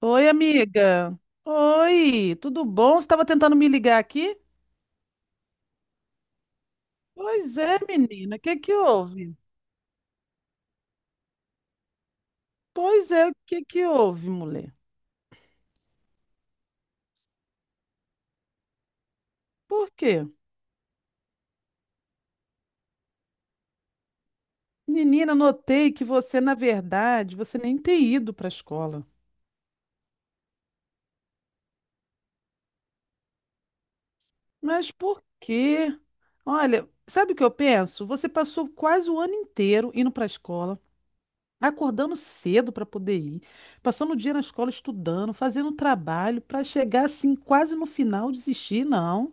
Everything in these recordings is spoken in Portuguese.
Oi, amiga. Oi, tudo bom? Você estava tentando me ligar aqui? Pois é, menina, o que que houve? Pois é, o que que houve, mulher? Por quê? Menina, notei que você, na verdade, você nem tem ido para a escola. Mas por quê? Olha, sabe o que eu penso? Você passou quase o ano inteiro indo para a escola, acordando cedo para poder ir, passando o dia na escola estudando, fazendo trabalho para chegar assim quase no final desistir, não.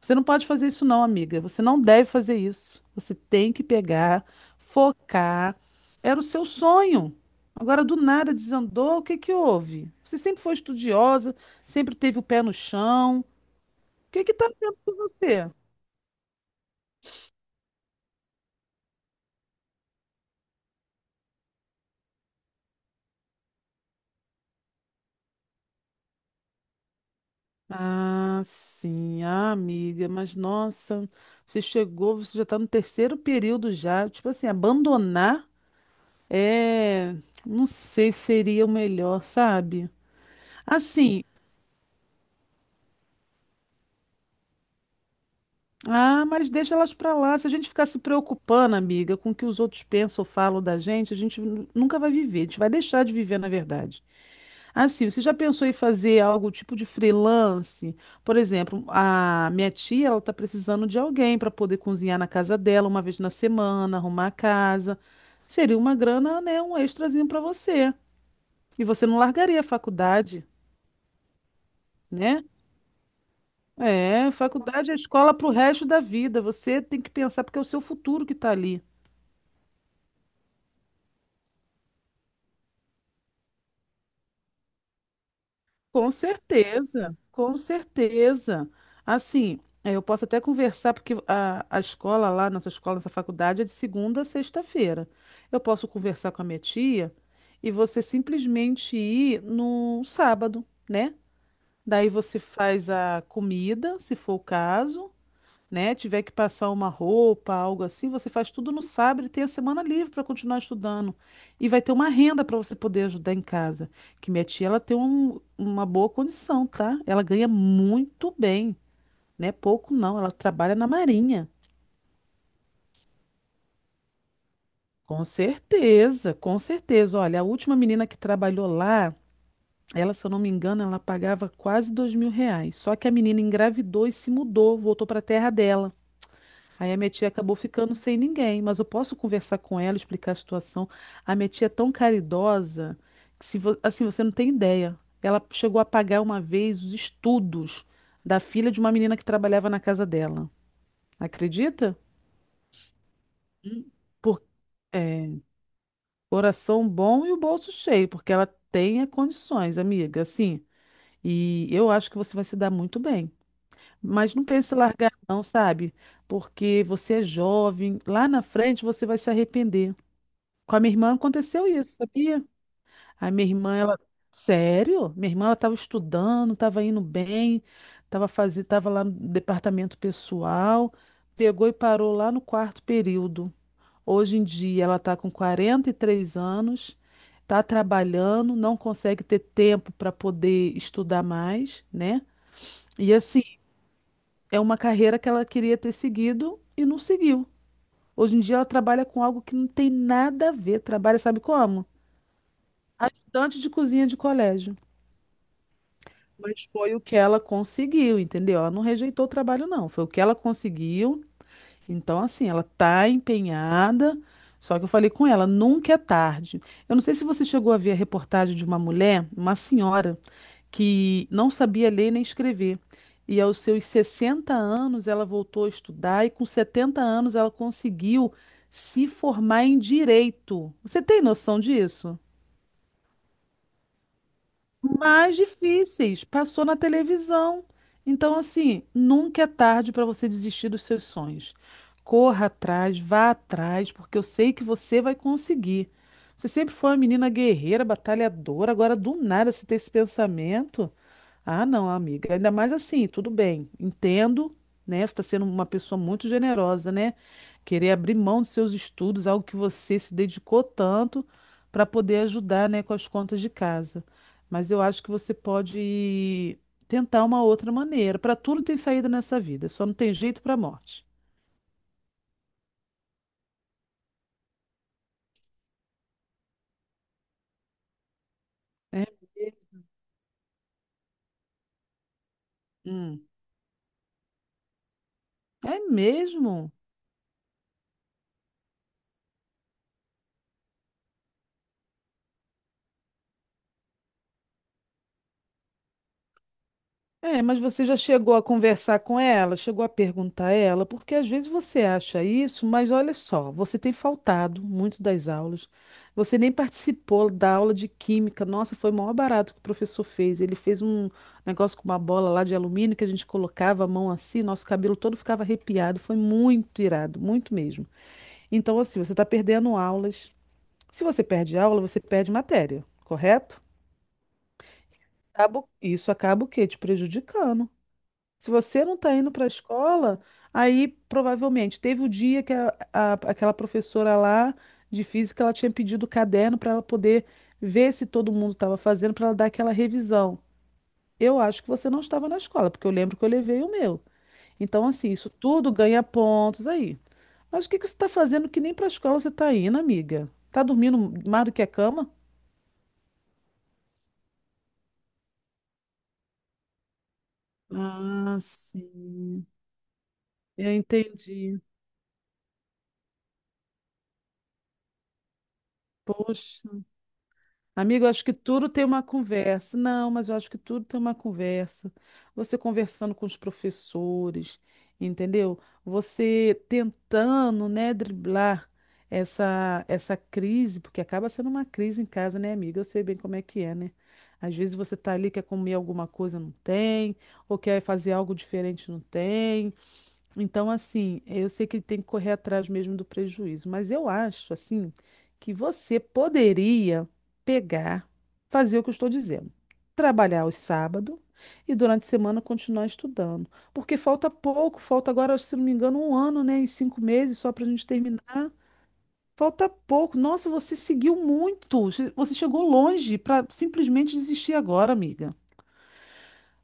Você não pode fazer isso, não, amiga. Você não deve fazer isso. Você tem que pegar, focar. Era o seu sonho. Agora, do nada, desandou. O que que houve? Você sempre foi estudiosa, sempre teve o pé no chão. O que que tá havendo com você? Ah, sim, ah, amiga, mas nossa, você chegou, você já está no terceiro período já, tipo assim, abandonar é, não sei se seria o melhor, sabe? Assim, ah, mas deixa elas pra lá. Se a gente ficar se preocupando, amiga, com o que os outros pensam ou falam da gente, a gente nunca vai viver. A gente vai deixar de viver, na verdade. Assim, você já pensou em fazer algo tipo de freelance? Por exemplo, a minha tia, ela tá precisando de alguém para poder cozinhar na casa dela uma vez na semana, arrumar a casa. Seria uma grana, né, um extrazinho para você. E você não largaria a faculdade, né? É, faculdade é escola para o resto da vida. Você tem que pensar porque é o seu futuro que está ali. Com certeza, com certeza. Assim, eu posso até conversar, porque a escola lá, nossa escola, nossa faculdade é de segunda a sexta-feira. Eu posso conversar com a minha tia e você simplesmente ir no sábado, né? Daí você faz a comida, se for o caso, né, tiver que passar uma roupa, algo assim, você faz tudo no sábado e tem a semana livre para continuar estudando. E vai ter uma renda para você poder ajudar em casa. Que minha tia, ela tem uma boa condição, tá? Ela ganha muito bem, né? Pouco não, ela trabalha na Marinha. Com certeza, com certeza. Olha, a última menina que trabalhou lá, ela, se eu não me engano, ela pagava quase R$ 2.000. Só que a menina engravidou e se mudou, voltou para a terra dela. Aí a minha tia acabou ficando sem ninguém, mas eu posso conversar com ela, explicar a situação. A minha tia é tão caridosa que se assim, você não tem ideia. Ela chegou a pagar uma vez os estudos da filha de uma menina que trabalhava na casa dela. Acredita? Hum. Por- é, coração bom e o bolso cheio, porque ela tem é, condições, amiga, assim. E eu acho que você vai se dar muito bem. Mas não pense em largar, não, sabe? Porque você é jovem, lá na frente você vai se arrepender. Com a minha irmã aconteceu isso, sabia? A minha irmã, ela. Sério? Minha irmã, ela estava estudando, estava indo bem, estava fazendo, estava lá no departamento pessoal, pegou e parou lá no quarto período. Hoje em dia, ela está com 43 anos, está trabalhando, não consegue ter tempo para poder estudar mais, né? E assim, é uma carreira que ela queria ter seguido e não seguiu. Hoje em dia, ela trabalha com algo que não tem nada a ver. Trabalha, sabe como? Ajudante de cozinha de colégio. Mas foi o que ela conseguiu, entendeu? Ela não rejeitou o trabalho, não. Foi o que ela conseguiu. Então, assim, ela tá empenhada. Só que eu falei com ela, nunca é tarde. Eu não sei se você chegou a ver a reportagem de uma mulher, uma senhora, que não sabia ler nem escrever. E aos seus 60 anos ela voltou a estudar e com 70 anos ela conseguiu se formar em direito. Você tem noção disso? Mais difíceis. Passou na televisão. Então, assim, nunca é tarde para você desistir dos seus sonhos. Corra atrás, vá atrás, porque eu sei que você vai conseguir. Você sempre foi uma menina guerreira, batalhadora, agora do nada você ter esse pensamento. Ah, não, amiga. Ainda mais assim, tudo bem, entendo, né? Você está sendo uma pessoa muito generosa, né? Querer abrir mão dos seus estudos, algo que você se dedicou tanto, para poder ajudar, né, com as contas de casa. Mas eu acho que você pode tentar uma outra maneira. Para tudo tem saída nessa vida, só não tem jeito para a morte. É, hum. É mesmo? É, mas você já chegou a conversar com ela, chegou a perguntar a ela, porque às vezes você acha isso, mas olha só, você tem faltado muito das aulas, você nem participou da aula de química. Nossa, foi o maior barato que o professor fez. Ele fez um negócio com uma bola lá de alumínio que a gente colocava a mão assim, nosso cabelo todo ficava arrepiado. Foi muito irado, muito mesmo. Então, assim, você está perdendo aulas. Se você perde aula, você perde matéria, correto? Isso acaba o quê? Te prejudicando. Se você não está indo para a escola, aí provavelmente teve o dia que aquela professora lá de física ela tinha pedido o caderno para ela poder ver se todo mundo estava fazendo, para ela dar aquela revisão. Eu acho que você não estava na escola, porque eu lembro que eu levei o meu. Então, assim, isso tudo ganha pontos aí. Mas o que que você está fazendo que nem para a escola você está indo, amiga? Tá dormindo mais do que a cama? Ah, sim. Eu entendi. Poxa. Amigo, eu acho que tudo tem uma conversa. Não, mas eu acho que tudo tem uma conversa. Você conversando com os professores, entendeu? Você tentando, né, driblar essa crise, porque acaba sendo uma crise em casa, né, amiga? Eu sei bem como é que é, né? Às vezes você tá ali, quer comer alguma coisa, não tem, ou quer fazer algo diferente, não tem. Então, assim, eu sei que tem que correr atrás mesmo do prejuízo, mas eu acho, assim, que você poderia pegar, fazer o que eu estou dizendo, trabalhar aos sábados e durante a semana continuar estudando, porque falta pouco, falta agora, se não me engano, um ano, né, e 5 meses só para a gente terminar. Falta pouco. Nossa, você seguiu muito, você chegou longe para simplesmente desistir agora, amiga.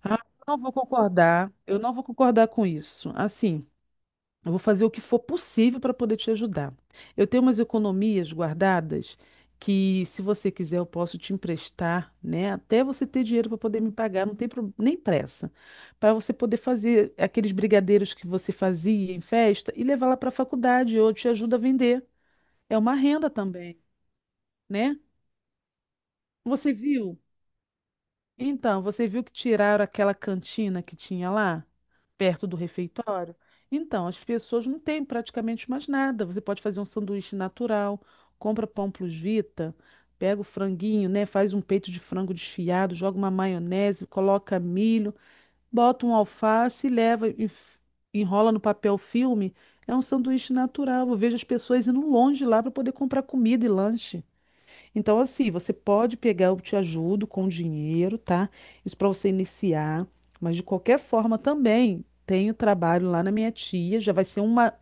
Ah, eu não vou concordar, eu não vou concordar com isso. Assim. Eu vou fazer o que for possível para poder te ajudar. Eu tenho umas economias guardadas que, se você quiser, eu posso te emprestar, né? Até você ter dinheiro para poder me pagar, não tem nem pressa. Para você poder fazer aqueles brigadeiros que você fazia em festa e levar lá para a faculdade, ou te ajuda a vender. É uma renda também, né? Você viu? Então, você viu que tiraram aquela cantina que tinha lá, perto do refeitório? Então, as pessoas não têm praticamente mais nada. Você pode fazer um sanduíche natural, compra pão plus vita, pega o franguinho, né? Faz um peito de frango desfiado, joga uma maionese, coloca milho, bota um alface e leva, enrola no papel filme. É um sanduíche natural. Eu vejo as pessoas indo longe lá para poder comprar comida e lanche. Então, assim, você pode pegar, eu te ajudo com dinheiro, tá? Isso para você iniciar. Mas de qualquer forma também tenho trabalho lá na minha tia, já vai ser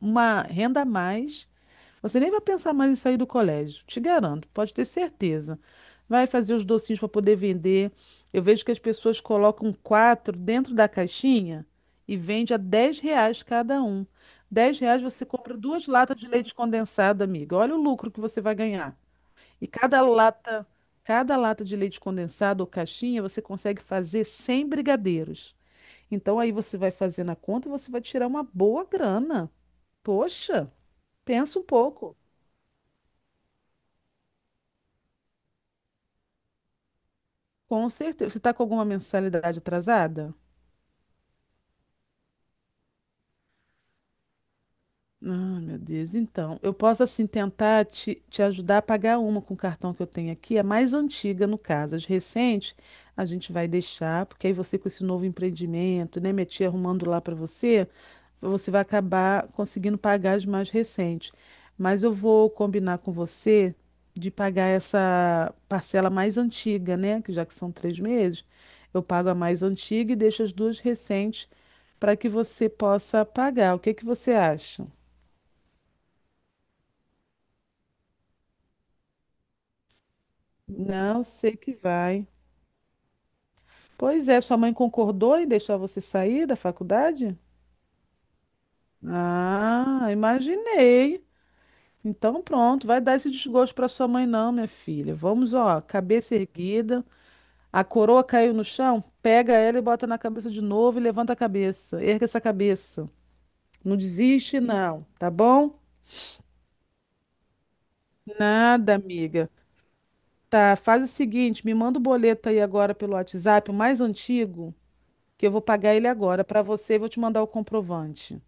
uma renda a mais. Você nem vai pensar mais em sair do colégio, te garanto, pode ter certeza. Vai fazer os docinhos para poder vender. Eu vejo que as pessoas colocam quatro dentro da caixinha e vende a R$ 10 cada um. R$ 10 você compra duas latas de leite condensado, amiga. Olha o lucro que você vai ganhar. E cada lata de leite condensado ou caixinha, você consegue fazer 100 brigadeiros. Então aí você vai fazer na conta e você vai tirar uma boa grana. Poxa, pensa um pouco. Com certeza. Você está com alguma mensalidade atrasada? Ah, meu Deus. Então, eu posso assim tentar te ajudar a pagar uma com o cartão que eu tenho aqui, a mais antiga no caso. As recentes a gente vai deixar, porque aí você com esse novo empreendimento, né, minha tia arrumando lá para você, você vai acabar conseguindo pagar as mais recentes. Mas eu vou combinar com você de pagar essa parcela mais antiga, né, que já que são 3 meses, eu pago a mais antiga e deixo as duas recentes para que você possa pagar. O que que você acha? Não sei que vai. Pois é, sua mãe concordou em deixar você sair da faculdade? Ah, imaginei. Então pronto, vai dar esse desgosto para sua mãe não, minha filha. Vamos, ó, cabeça erguida. A coroa caiu no chão, pega ela e bota na cabeça de novo e levanta a cabeça. Erga essa cabeça. Não desiste, não, tá bom? Nada, amiga. Tá, faz o seguinte, me manda o boleto aí agora pelo WhatsApp, o mais antigo. Que eu vou pagar ele agora para você e vou te mandar o comprovante.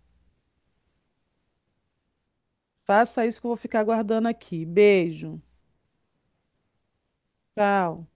Faça isso que eu vou ficar aguardando aqui. Beijo. Tchau.